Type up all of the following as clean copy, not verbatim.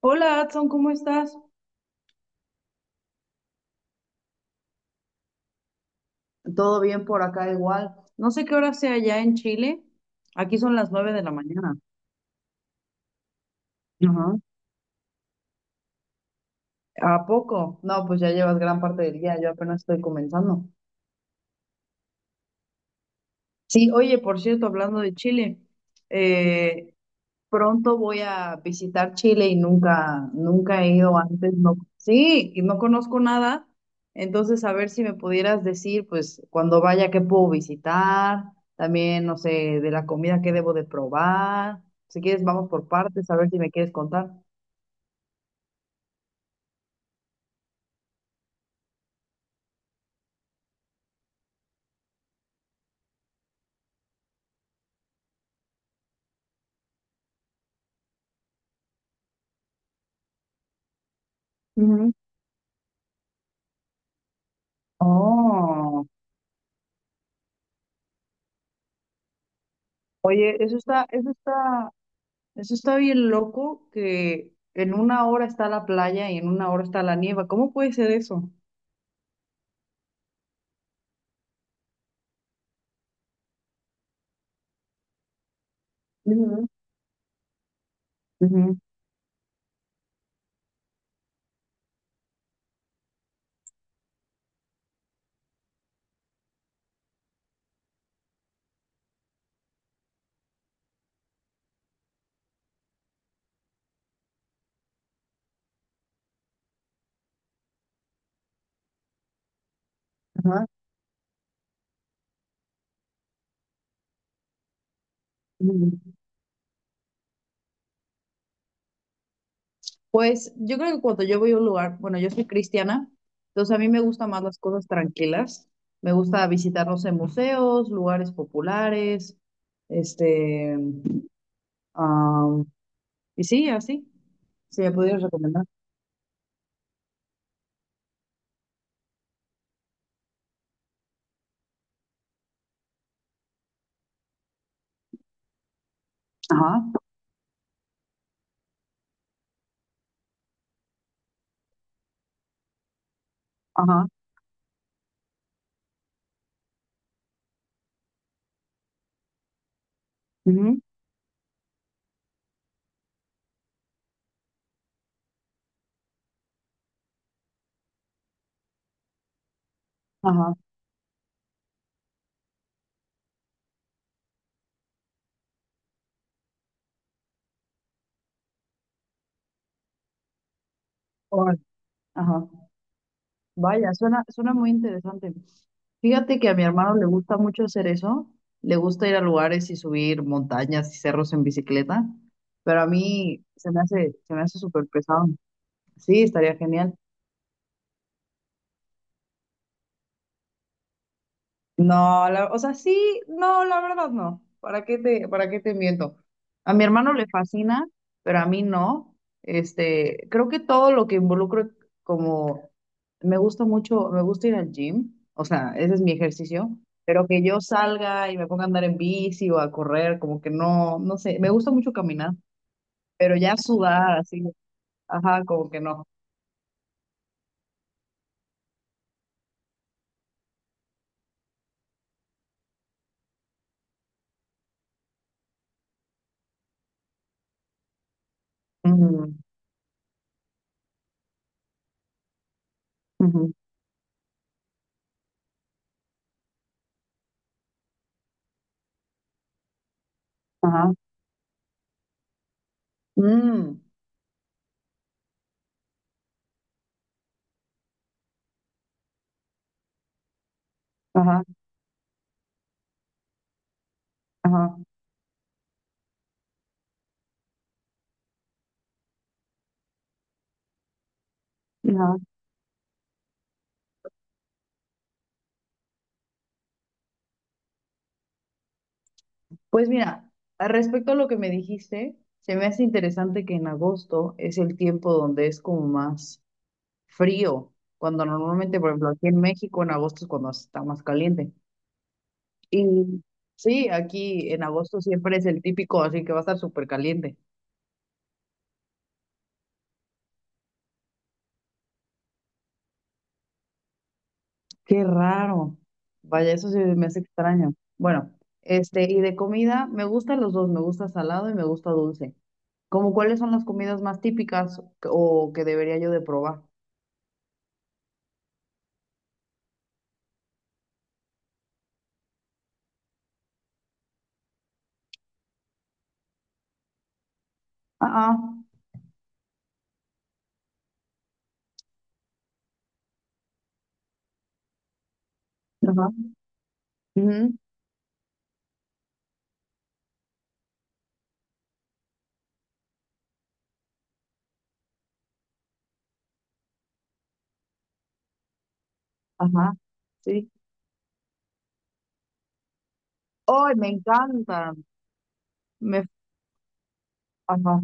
Hola, Adson, ¿cómo estás? Todo bien por acá igual. No sé qué hora sea allá en Chile. Aquí son las 9 de la mañana. Ajá. ¿A poco? No, pues ya llevas gran parte del día, yo apenas estoy comenzando. Sí, oye, por cierto, hablando de Chile, eh, pronto voy a visitar Chile y nunca he ido antes. No, sí, y no conozco nada. Entonces, a ver si me pudieras decir, pues, cuando vaya, qué puedo visitar, también, no sé, de la comida, qué debo de probar. Si quieres, vamos por partes, a ver si me quieres contar. Ujú. Oh, oye, eso está bien loco que en una hora está la playa y en una hora está la nieva. ¿Cómo puede ser eso? Ujú, ujú, ajá, ujú. Pues yo creo que cuando yo voy a un lugar, bueno, yo soy cristiana, entonces a mí me gustan más las cosas tranquilas. Me gusta visitar, no sé, museos, lugares populares, este, am, y sí, así, si me pudieras recomendar. Ajá, ajá, ujú, ajá, órale, ajá. Vaya, suena muy interesante. Fíjate que a mi hermano le gusta mucho hacer eso, le gusta ir a lugares y subir montañas y cerros en bicicleta, pero a mí se me hace súper pesado. Sí, estaría genial. No, o sea, sí, no, la verdad no. Para qué te miento? A mi hermano le fascina, pero a mí no. Este, creo que todo lo que involucro como me gusta mucho, me gusta ir al gym, o sea, ese es mi ejercicio, pero que yo salga y me ponga a andar en bici o a correr, como que no, no sé, me gusta mucho caminar, pero ya sudar así, ajá, como que no. Ujú, ujú, ajá, mm, ajá, ajá, ajá. Pues mira, respecto a lo que me dijiste, se me hace interesante que en agosto es el tiempo donde es como más frío, cuando normalmente, por ejemplo, aquí en México en agosto es cuando está más caliente. Y sí, aquí en agosto siempre es el típico, así que va a estar súper caliente. Qué raro. Vaya, eso sí me hace extraño. Bueno, este, y de comida, me gustan los dos, me gusta salado y me gusta dulce. ¿Cómo cuáles son las comidas más típicas o que debería yo de probar? Ah, ah. Ajá, ujú, ajá, sí. ¡Ay, me encantan! Me, ajá.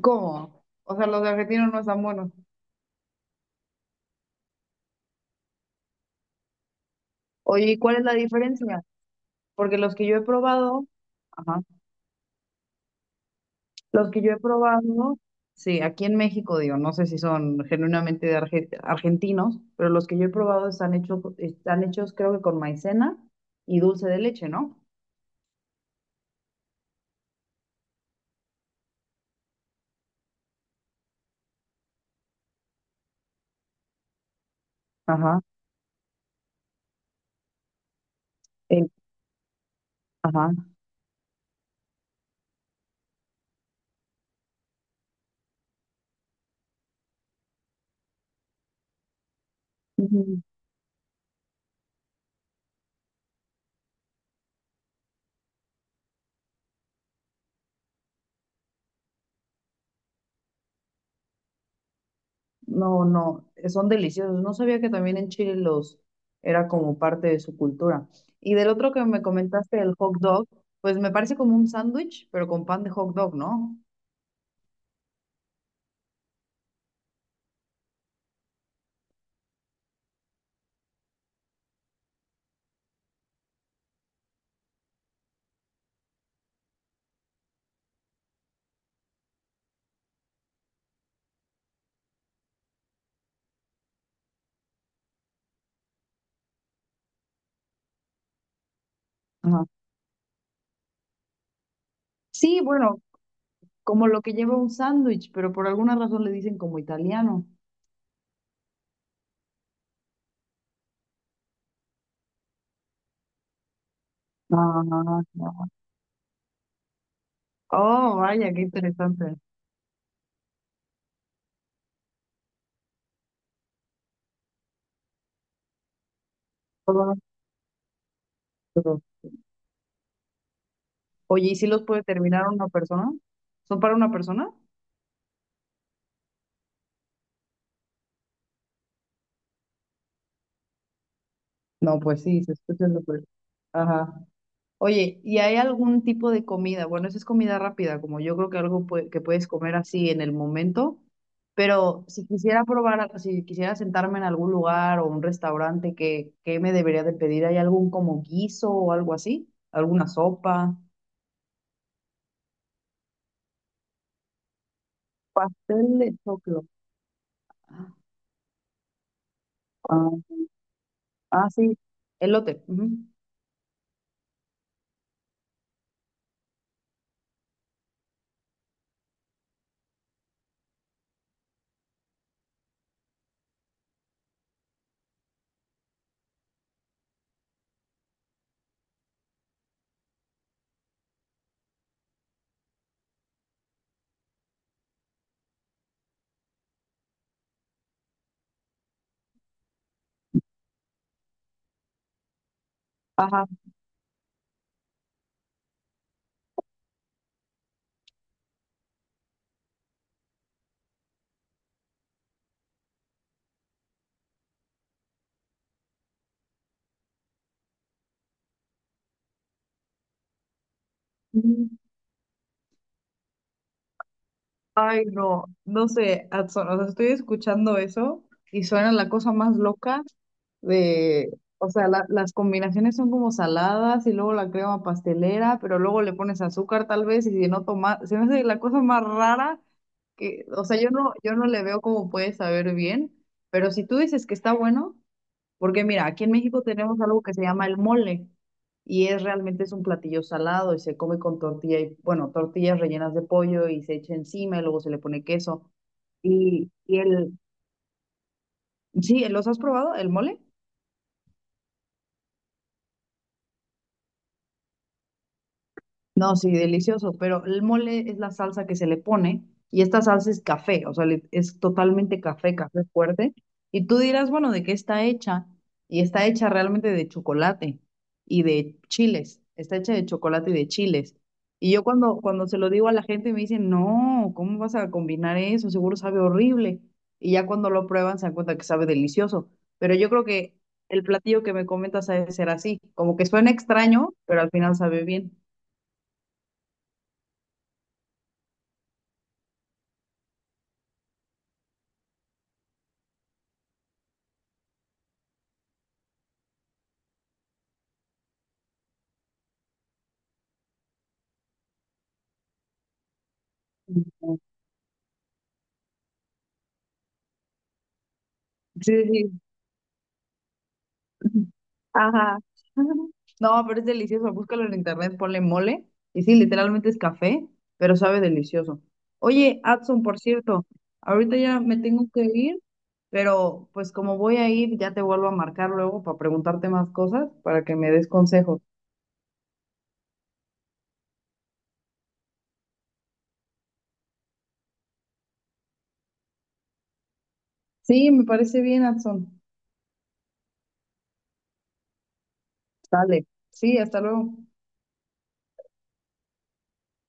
¿Cómo? O sea, ¿los de argentinos no están buenos? Oye, ¿y cuál es la diferencia? Porque los que yo he probado, ajá, los que yo he probado, sí, aquí en México, digo, no sé si son genuinamente de argentinos, pero los que yo he probado están hechos creo que con maicena y dulce de leche, ¿no? Ajá, el, ajá. No, no, son deliciosos. No sabía que también en Chile los era como parte de su cultura. Y del otro que me comentaste, el hot dog, pues me parece como un sándwich, pero con pan de hot dog, ¿no? Ajá. Sí, bueno, como lo que lleva un sándwich, pero por alguna razón le dicen como italiano. Ah, oh, vaya, qué interesante. Todo esto. Oye, ¿y si los puede terminar una persona? ¿Son para una persona? No, pues sí, se escucha súper. Ajá. Oye, ¿y hay algún tipo de comida? Bueno, esa es comida rápida, como yo creo que algo que puedes comer así en el momento, pero si quisiera probar, si quisiera sentarme en algún lugar o un restaurante, qué me debería de pedir? ¿Hay algún como guiso o algo así? ¿Alguna sopa? Pastel de choclo. Ah, ah, sí, elote. Ujú. Ajá. Mm. Ay, no, no sé, Adson, o sea, estoy escuchando eso y suena la cosa más loca de, o sea, las combinaciones son como saladas y luego la crema pastelera, pero luego le pones azúcar tal vez y si no toma, se me hace la cosa más rara que, o sea, yo no le veo cómo puede saber bien, pero si tú dices que está bueno, porque mira, aquí en México tenemos algo que se llama el mole y es realmente es un platillo salado y se come con tortilla y, bueno, tortillas rellenas de pollo y se echa encima y luego se le pone queso. Y, y el, sí, ¿los has probado? ¿El mole? No, sí, delicioso, pero el mole es la salsa que se le pone y esta salsa es café, o sea, es totalmente café, café fuerte. Y tú dirás, bueno, ¿de qué está hecha? Y está hecha realmente de chocolate y de chiles, está hecha de chocolate y de chiles. Y yo cuando se lo digo a la gente me dicen, no, ¿cómo vas a combinar eso? Seguro sabe horrible. Y ya cuando lo prueban se dan cuenta que sabe delicioso. Pero yo creo que el platillo que me comentas ha de ser así, como que suena extraño, pero al final sabe bien. Sí, sí, sí. Ajá. No, pero es delicioso. Búscalo en internet, ponle mole. Y sí, literalmente es café, pero sabe delicioso. Oye, Adson, por cierto, ahorita ya me tengo que ir, pero pues como voy a ir, ya te vuelvo a marcar luego para preguntarte más cosas, para que me des consejos. Sí, me parece bien, Adson. Dale. Sí, hasta luego.